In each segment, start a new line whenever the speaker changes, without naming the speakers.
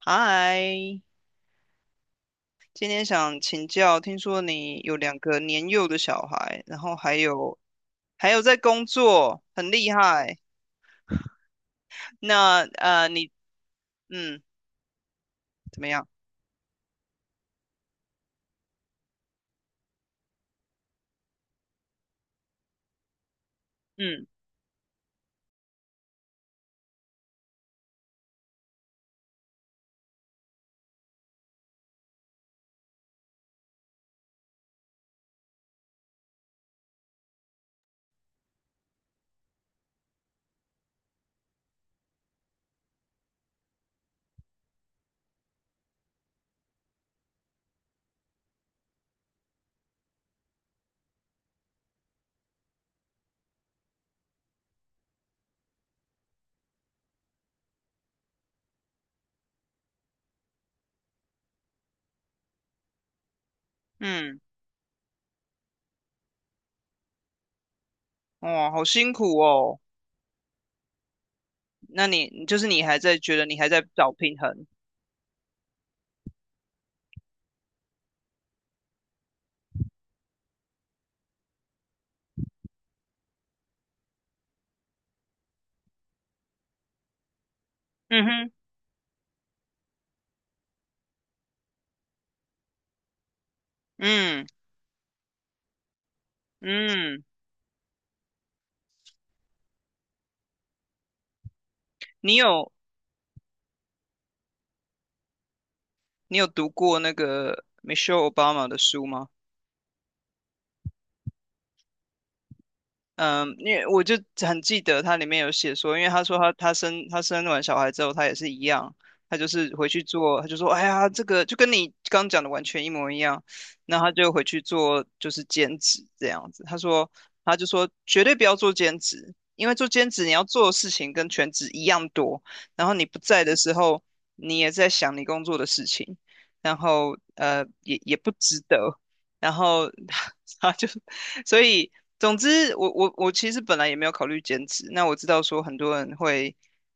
嗨，今天想请教，听说你有两个年幼的小孩，然后还有在工作，很厉害。那你嗯怎么样？嗯。嗯，哇，好辛苦哦。那你就是你还在觉得你还在找平衡？嗯哼。嗯嗯。你有你有读过那个 Michelle Obama 的书吗？嗯，因为我就很记得他里面有写说，因为他说他生完小孩之后，他也是一样，他就是回去做，他就说，哎呀，这个就跟你刚讲的完全一模一样，那他就回去做就是兼职这样子。他说，他就说绝对不要做兼职，因为做兼职你要做的事情跟全职一样多，然后你不在的时候，你也在想你工作的事情，然后也不值得，然后 他就。所以总之，我其实本来也没有考虑兼职。那我知道说很多人会，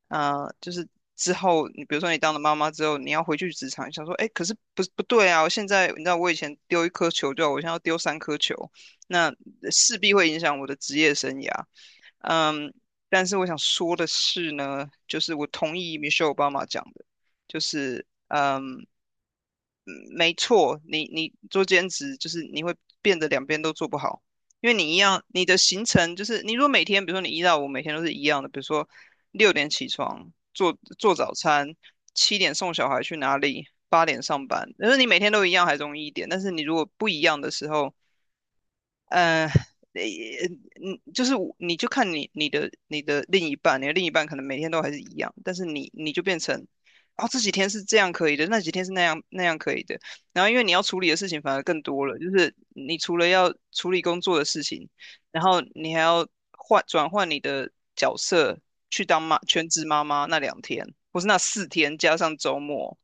啊，就是之后你比如说你当了妈妈之后，你要回去职场，你想说，哎，可是不对啊！我现在你知道我以前丢1颗球就好，我现在要丢3颗球，那势必会影响我的职业生涯。嗯，但是我想说的是呢，就是我同意 Michelle Obama 讲的，就是。嗯。嗯，没错，你做兼职就是你会变得两边都做不好，因为你一样，你的行程就是你如果每天，比如说你1到5每天都是一样的，比如说6点起床做做早餐，7点送小孩去哪里，8点上班，但是你每天都一样还容易一点，但是你如果不一样的时候，呃，呃嗯，就是你就看你你的另一半，你的另一半可能每天都还是一样，但是你就变成，哦，这几天是这样可以的，那几天是那样可以的，然后因为你要处理的事情反而更多了，就是你除了要处理工作的事情，然后你还要转换你的角色去当全职妈妈那2天，或是那4天加上周末，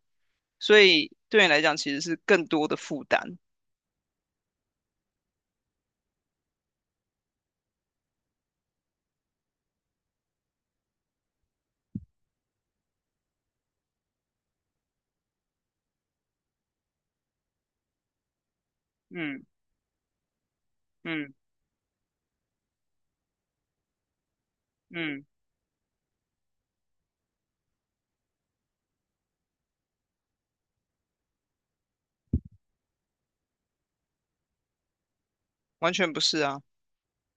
所以对你来讲其实是更多的负担。嗯嗯嗯。完全不是啊。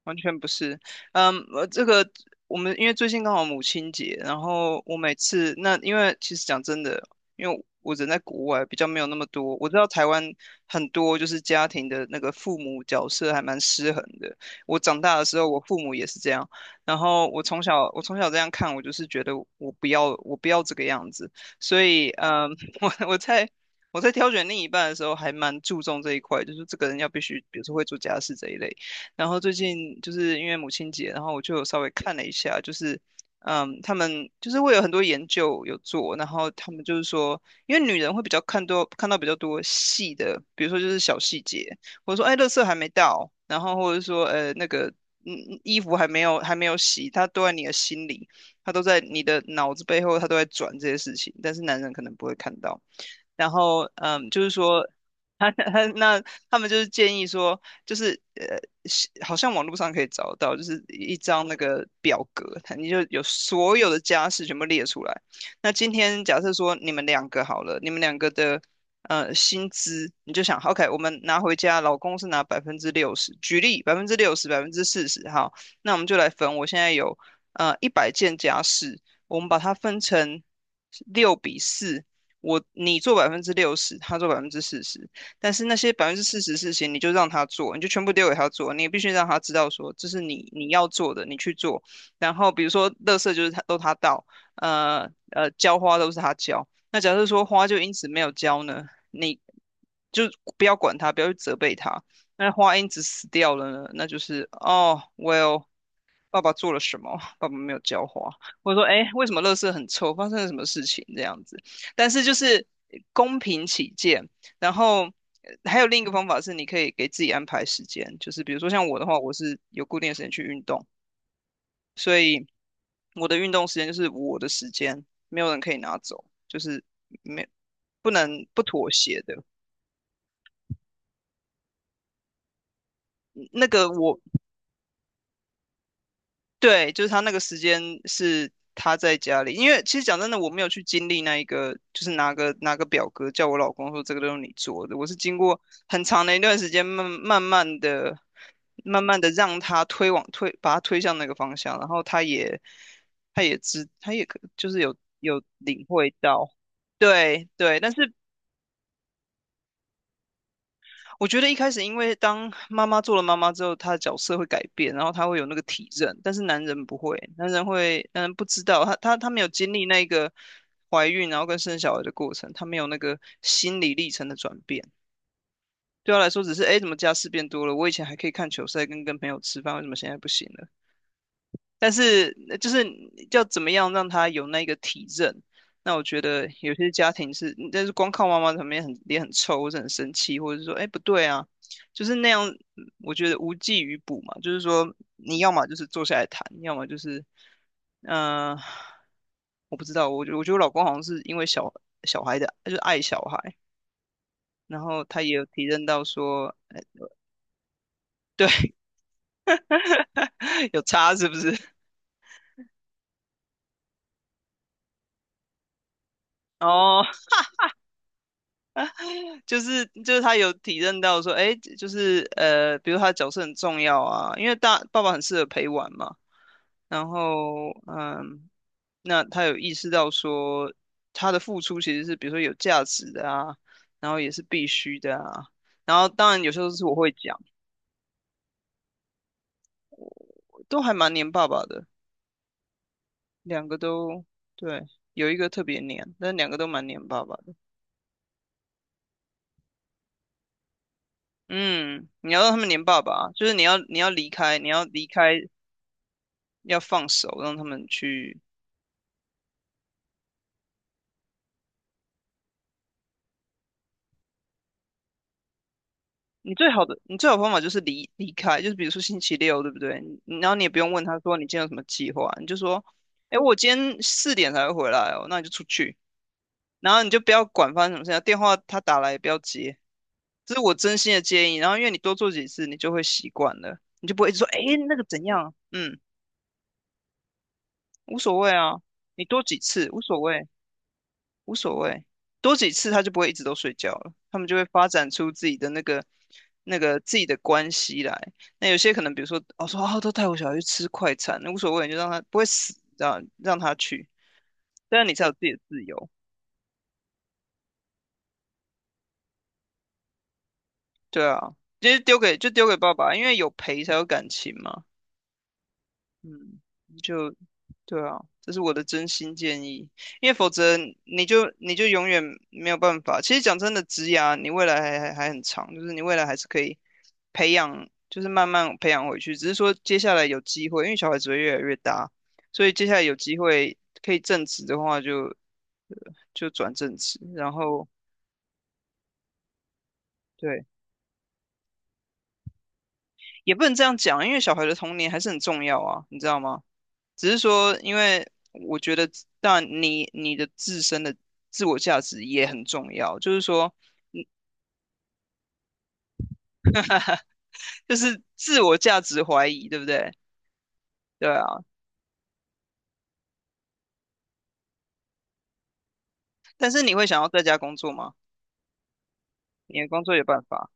完全不是，嗯，我这个我们因为最近刚好母亲节，然后我每次那因为其实讲真的，因为我人在国外，比较没有那么多，我知道台湾很多就是家庭的那个父母角色还蛮失衡的。我长大的时候，我父母也是这样，然后我从小这样看，我就是觉得我不要这个样子，所以嗯，我我在我在挑选另一半的时候，还蛮注重这一块，就是这个人要必须，比如说会做家事这一类。然后最近就是因为母亲节，然后我就有稍微看了一下，就是嗯，他们就是会有很多研究有做，然后他们就是说，因为女人会比较看到比较多细的，比如说就是小细节，或者说哎，垃圾还没到，然后或者说那个嗯衣服还没有洗，它都在你的心里，它都在你的脑子背后，它都在转这些事情，但是男人可能不会看到。然后嗯，就是说 他他那他们就是建议说。就是，是好像网络上可以找到，就是一张那个表格，它你就有所有的家事全部列出来。那今天假设说你们两个好了，你们两个的薪资，你就想，OK,我们拿回家，老公是拿百分之六十，举例百分之六十、百分之四十，好，那我们就来分。我现在有100件家事，我们把它分成6:4，你做百分之六十，他做百分之四十。但是那些百分之四十事情，你就让他做，你就全部丢给他做，你也必须让他知道说这是你要做的，你去做。然后比如说，垃圾就是他倒，浇花都是他浇。那假设说花就因此没有浇呢，你就不要管他，不要去责备他。那花因此死掉了呢，那就是哦，well,爸爸做了什么？爸爸没有浇花。者说，哎，为什么垃圾很臭？发生了什么事情？这样子。但是就是公平起见，然后还有另一个方法是，你可以给自己安排时间，就是比如说像我的话，我是有固定的时间去运动，所以我的运动时间就是我的时间，没有人可以拿走，就是没不能不妥协的。那个我对，就是他那个时间是他在家里，因为其实讲真的，我没有去经历那一个，就是拿个表格叫我老公说这个都是你做的，我是经过很长的一段时间，慢慢的让他推，把他推向那个方向，然后他也他也知，他也可就是有领会到，对对，但是我觉得一开始，因为当妈妈做了妈妈之后，她的角色会改变，然后她会有那个体认，但是男人不会，男人会，男人不知道，他没有经历那个怀孕然后跟生小孩的过程，他没有那个心理历程的转变。对他来说，只是哎诶，怎么家事变多了？我以前还可以看球赛，跟朋友吃饭，为什么现在不行了？但是就是要怎么样让他有那个体认？那我觉得有些家庭是，但是光靠妈妈他们也很臭，或者很生气，或者是说，哎，不对啊，就是那样，我觉得无济于补嘛。就是说，你要么就是坐下来谈，要么就是，嗯、呃我不知道，我觉得我老公好像是因为小孩的，就是爱小孩，然后他也有体认到说，呃，对。有差是不是？哦，就是他有体认到说，哎，就是比如他的角色很重要啊，因为大爸爸很适合陪玩嘛。然后嗯，那他有意识到说，他的付出其实是比如说有价值的啊，然后也是必须的啊。然后当然有时候是我会讲，我都还蛮黏爸爸的，两个都对，有一个特别黏，但两个都蛮黏爸爸的。嗯，你要让他们黏爸爸啊，就是你要离开，你要离开，要放手，让他们去。你最好的方法就是离开，就是比如说星期六，对不对？你然后你也不用问他说你今天有什么计划，你就说，哎，我今天4点才会回来哦，那你就出去，然后你就不要管发生什么事情，电话他打来也不要接，这是我真心的建议。然后因为你多做几次，你就会习惯了，你就不会一直说，哎，那个怎样？嗯，无所谓啊，你多几次无所谓。无所谓，多几次他就不会一直都睡觉了，他们就会发展出自己的那个自己的关系来。那有些可能，比如说，哦说啊，都带我小孩去吃快餐，那无所谓，你就让他不会死，让他去，这样你才有自己的自由。对啊，就是就丢给爸爸，因为有陪才有感情嘛。嗯，就对啊，这是我的真心建议，因为否则你就永远没有办法。其实讲真的，职涯你未来还很长，就是你未来还是可以培养，就是慢慢培养回去。只是说接下来有机会，因为小孩子会越来越大，所以接下来有机会可以正职的话就，就转正职，然后对，也不能这样讲，因为小孩的童年还是很重要啊，你知道吗？只是说，因为我觉得，但你你的自身的自我价值也很重要，就是说，就是自我价值怀疑，对不对？对啊，但是你会想要在家工作吗？你的工作有办法，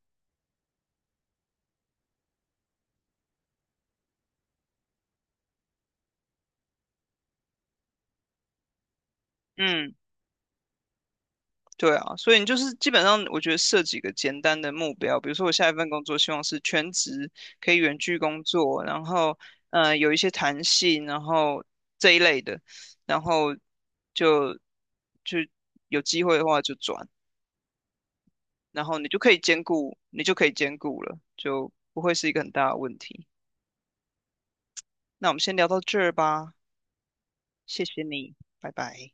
嗯，对啊，所以你就是基本上，我觉得设几个简单的目标，比如说我下一份工作希望是全职，可以远距工作，然后有一些弹性，然后这一类的，然后就就有机会的话就转。然后你就可以兼顾，你就可以兼顾了，就不会是一个很大的问题。那我们先聊到这儿吧，谢谢你，拜拜。